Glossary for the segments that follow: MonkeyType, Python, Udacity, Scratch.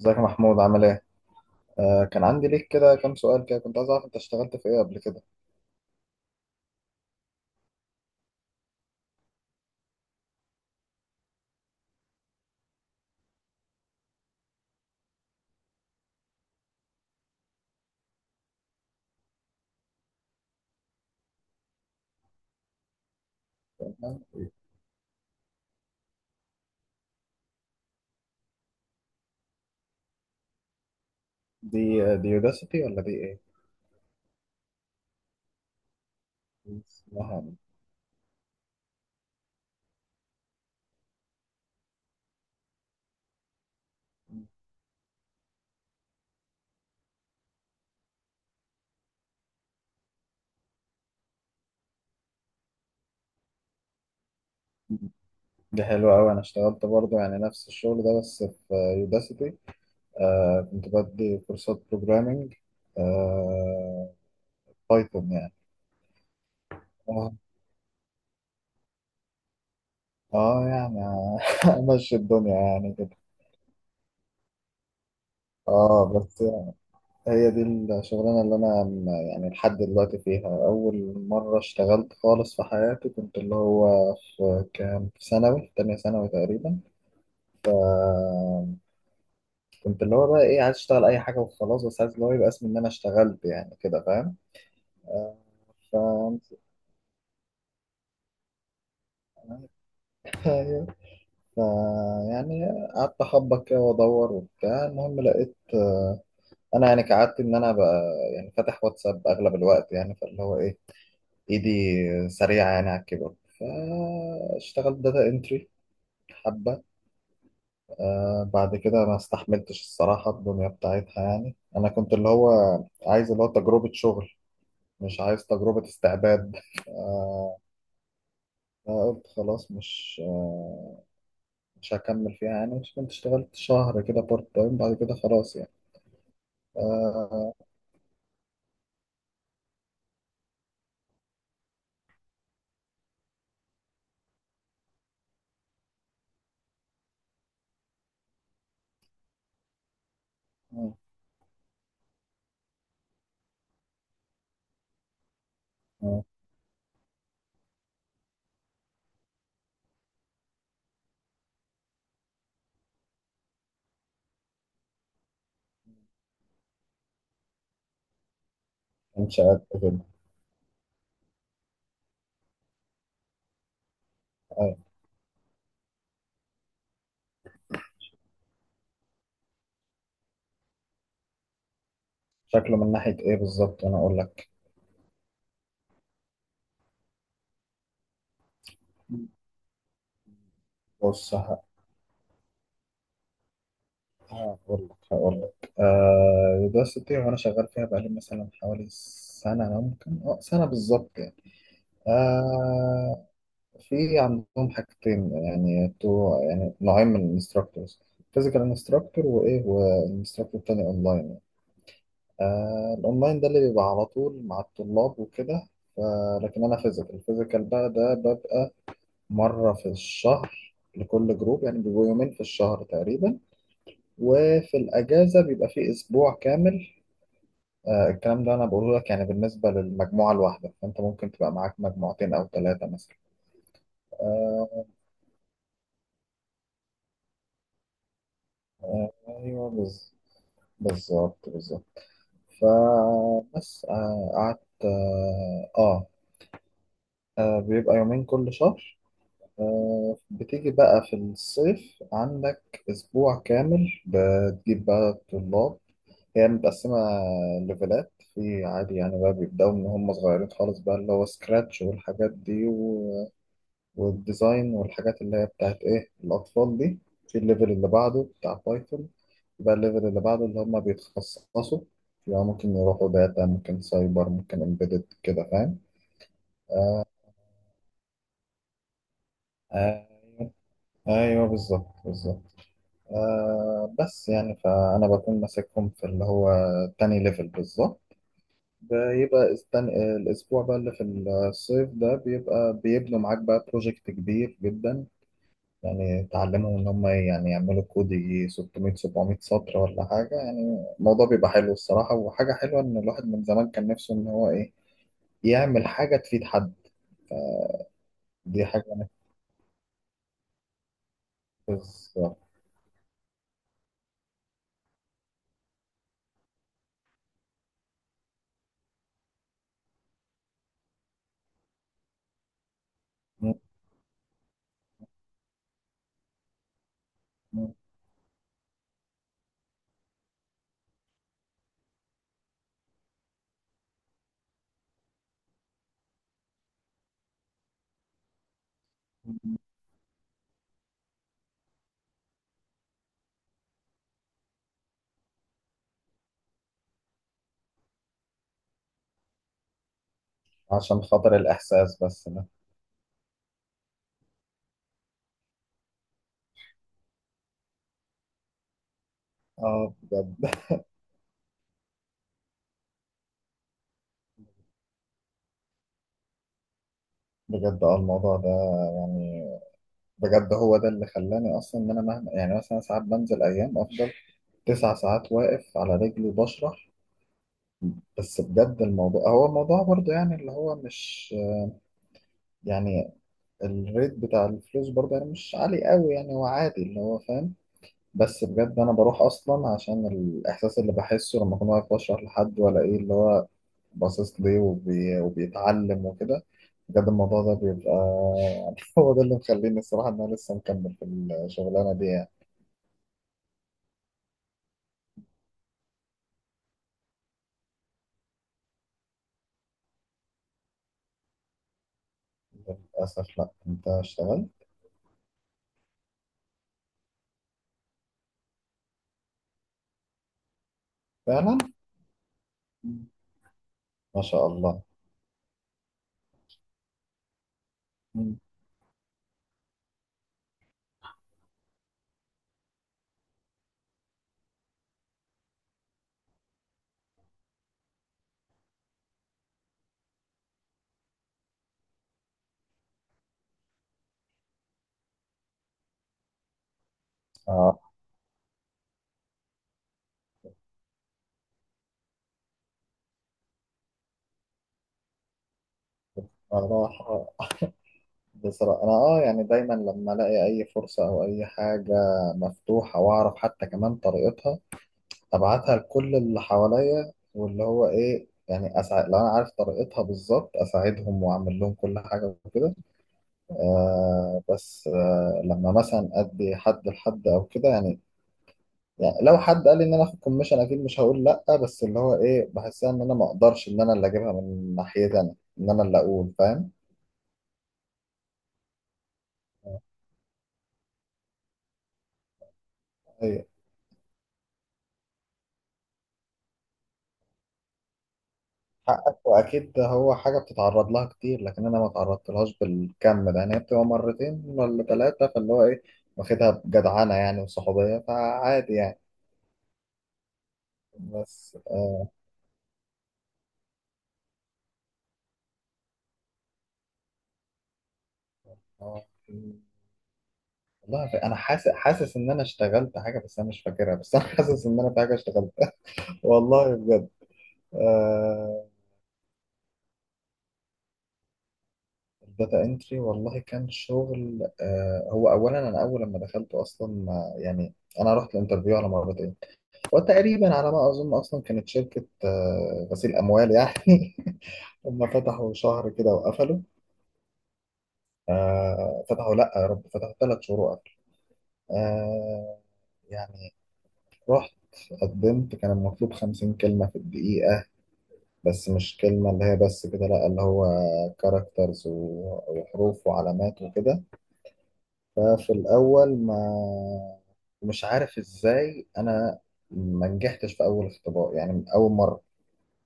ازيك يا محمود، عامل ايه؟ كان عندي ليك كده كام سؤال، كده كنت عايز اعرف انت اشتغلت في ايه قبل كده؟ دي دي يوداسيتي ولا دي ايه؟ اسمها إيه؟ دي حلوة أوي. أنا اشتغلت برضه، يعني نفس الشغل ده بس في يوداسيتي. كنت بدي كورسات بروجرامينج، آه بايثون يعني. اه يعني أمشي الدنيا يعني كده. اه بس هي دي الشغلانة اللي أنا يعني لحد دلوقتي فيها، أول مرة اشتغلت خالص في حياتي. كنت اللي هو في كام، في ثانوي، في تانية ثانوي تقريبا. آه، كنت اللي هو بقى إيه، عايز أشتغل أي حاجة وخلاص، بس عايز اللي هو يبقى اسمي إن أنا اشتغلت، يعني كده فاهم. آه، ف ف- يعني قعدت أخبط كده وأدور وبتاع. المهم لقيت، أنا يعني كعادتي إن أنا بقى يعني فاتح واتساب أغلب الوقت، يعني فاللي هو إيه، ايدي سريعة يعني على الكيبورد، فاشتغلت داتا انتري حبة. بعد كده ما استحملتش الصراحة الدنيا بتاعتها، يعني انا كنت اللي هو عايز اللي هو تجربة شغل، مش عايز تجربة استعباد. فقلت خلاص، مش هكمل فيها. يعني مش كنت اشتغلت شهر كده بارت تايم، بعد كده خلاص يعني. آه. آه. آه. انشاءات كده. أيوة. شكله من ناحية ايه بالظبط؟ انا اقول لك. بص، هقول لك دلوقتي وانا شغال فيها بقالي مثلا حوالي سنة، ممكن سنة بالظبط يعني. آه في عندهم حاجتين، يعني يعني نوعين من الانستراكتورز، فيزيكال انستراكتور، وايه، والانستراكتور التاني اونلاين. الاونلاين ده اللي بيبقى على طول مع الطلاب وكده. لكن انا فيزيكال، الفيزيكال بقى ده ببقى مرة في الشهر لكل جروب، يعني بيبقوا يومين في الشهر تقريبا، وفي الأجازة بيبقى فيه أسبوع كامل. الكلام ده انا بقوله لك يعني بالنسبه للمجموعه الواحده، فانت ممكن تبقى معاك مجموعتين او ثلاثه مثلا. آه، ايوه، بالظبط بالظبط. فبس، قعدت. بيبقى يومين كل شهر. بتيجي بقى في الصيف عندك اسبوع كامل، بتجيب بقى طلاب. هي متقسمة ليفلات، في عادي يعني بقى، بيبدأوا من هم صغيرين خالص، بقى اللي هو سكراتش والحاجات دي، والديزاين والحاجات اللي هي بتاعت ايه الاطفال دي. في الليفل اللي بعده بتاع بايثون. يبقى الليفل اللي بعده اللي هم بيتخصصوا، يبقى ممكن يروحوا داتا، ممكن سايبر، ممكن امبيدد، كده فاهم. آه. ايوه بالظبط بالظبط. بس يعني فانا بكون ماسكهم في اللي هو تاني ليفل بالظبط. بيبقى الاسبوع بقى اللي في الصيف ده بيبقى بيبنوا معاك بقى بروجكت كبير جدا. يعني تعلمهم إن هم يعني يعملوا كود يجي 600 700 سطر ولا حاجة. يعني الموضوع بيبقى حلو الصراحة، وحاجة حلوة إن الواحد من زمان كان نفسه إن هو إيه، يعمل حاجة تفيد حد. دي حاجة نفس عشان خاطر الإحساس بس ده. بجد بجد الموضوع ده يعني. بجد هو ده اللي خلاني أصلا، إن أنا مهما يعني مثلا ساعات بنزل أيام، أفضل 9 ساعات واقف على رجلي بشرح. بس بجد الموضوع هو الموضوع برضه، يعني اللي هو مش، يعني الريت بتاع الفلوس برضه يعني مش عالي قوي، يعني هو عادي اللي هو فاهم. بس بجد انا بروح اصلا عشان الاحساس اللي بحسه لما اكون واقف بشرح لحد، ولا ايه اللي هو باصص ليه، وبيتعلم وكده. بجد الموضوع ده بيبقى هو ده اللي مخليني الصراحة ان انا لسه مكمل في الشغلانة دي يعني. للأسف لا، انت اشتغلت. فعلا. ما شاء الله. مم. آه. راح. بصراحة أنا يعني دايما لما ألاقي أي فرصة أو أي حاجة مفتوحة وأعرف حتى كمان طريقتها، أبعتها لكل اللي حواليا، واللي هو إيه يعني لو أنا عارف طريقتها بالظبط، أساعدهم وأعمل لهم كل حاجة وكده. بس لما مثلا أدي حد لحد أو كده يعني لو حد قال لي ان انا اخد كوميشن، اكيد مش هقول لا. بس اللي هو ايه، بحسها ان انا ما اقدرش ان انا اللي اجيبها من ناحيتي انا، ان انا اللي اقول فاهم. حقك، واكيد هو حاجه بتتعرض لها كتير، لكن انا ما تعرضت لهاش بالكم ده. يعني هي بتبقى مرتين ولا ثلاثه، فاللي هو ايه، واخدها بجدعنه يعني وصحوبيه، فعادي يعني. بس آه. آه، والله انا حاسس حاسس ان انا اشتغلت حاجه، بس انا مش فاكرها، بس انا حاسس ان انا في حاجه اشتغلتها. والله بجد آه. الداتا انتري، والله كان شغل. هو اولا انا اول لما دخلته اصلا يعني، انا رحت الانترفيو على مرتين، وتقريبا على ما اظن اصلا كانت شركه غسيل اموال يعني. هم فتحوا شهر كده وقفلوا. فتحوا، لا يا رب! فتحوا 3 شهور وقفلوا. آه، يعني رحت قدمت، كان المطلوب 50 كلمة في الدقيقة. بس مش كلمة اللي هي بس كده، لا اللي هو كاركترز وحروف وعلامات وكده. ففي الأول ما، مش عارف ازاي أنا ما نجحتش في أول اختبار يعني من أول مرة.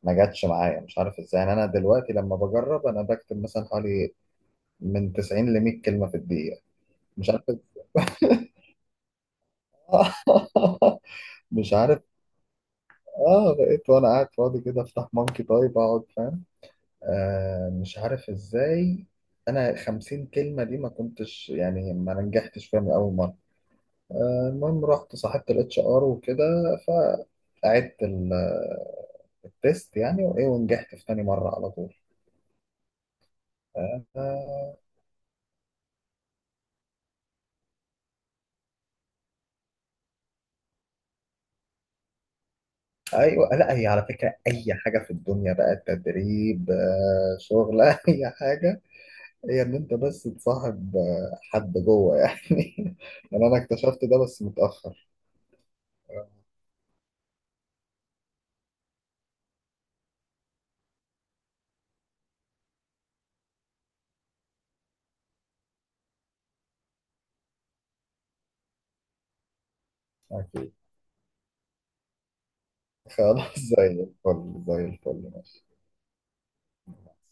ما جاتش معايا، مش عارف ازاي. يعني انا دلوقتي لما بجرب، انا بكتب مثلا حوالي من 90 ل 100 كلمه في الدقيقه. مش عارف مش عارف. اه بقيت وانا قاعد فاضي كده، افتح مونكي تايب اقعد، فاهم. مش عارف ازاي، انا 50 كلمه دي ما كنتش يعني ما نجحتش فيها من اول مره. المهم رحت صاحبت الاتش ار وكده، فقعدت التيست يعني وايه، ونجحت في تاني مره على طول. آه ايوه لا، هي على فكره اي حاجه في الدنيا بقى تدريب، شغل اي حاجه. هي ان انت بس تصاحب حد جوه يعني يعني انا اكتشفت ده بس متاخر. اكيد. خلاص زي الفل زي الفل. ماشي.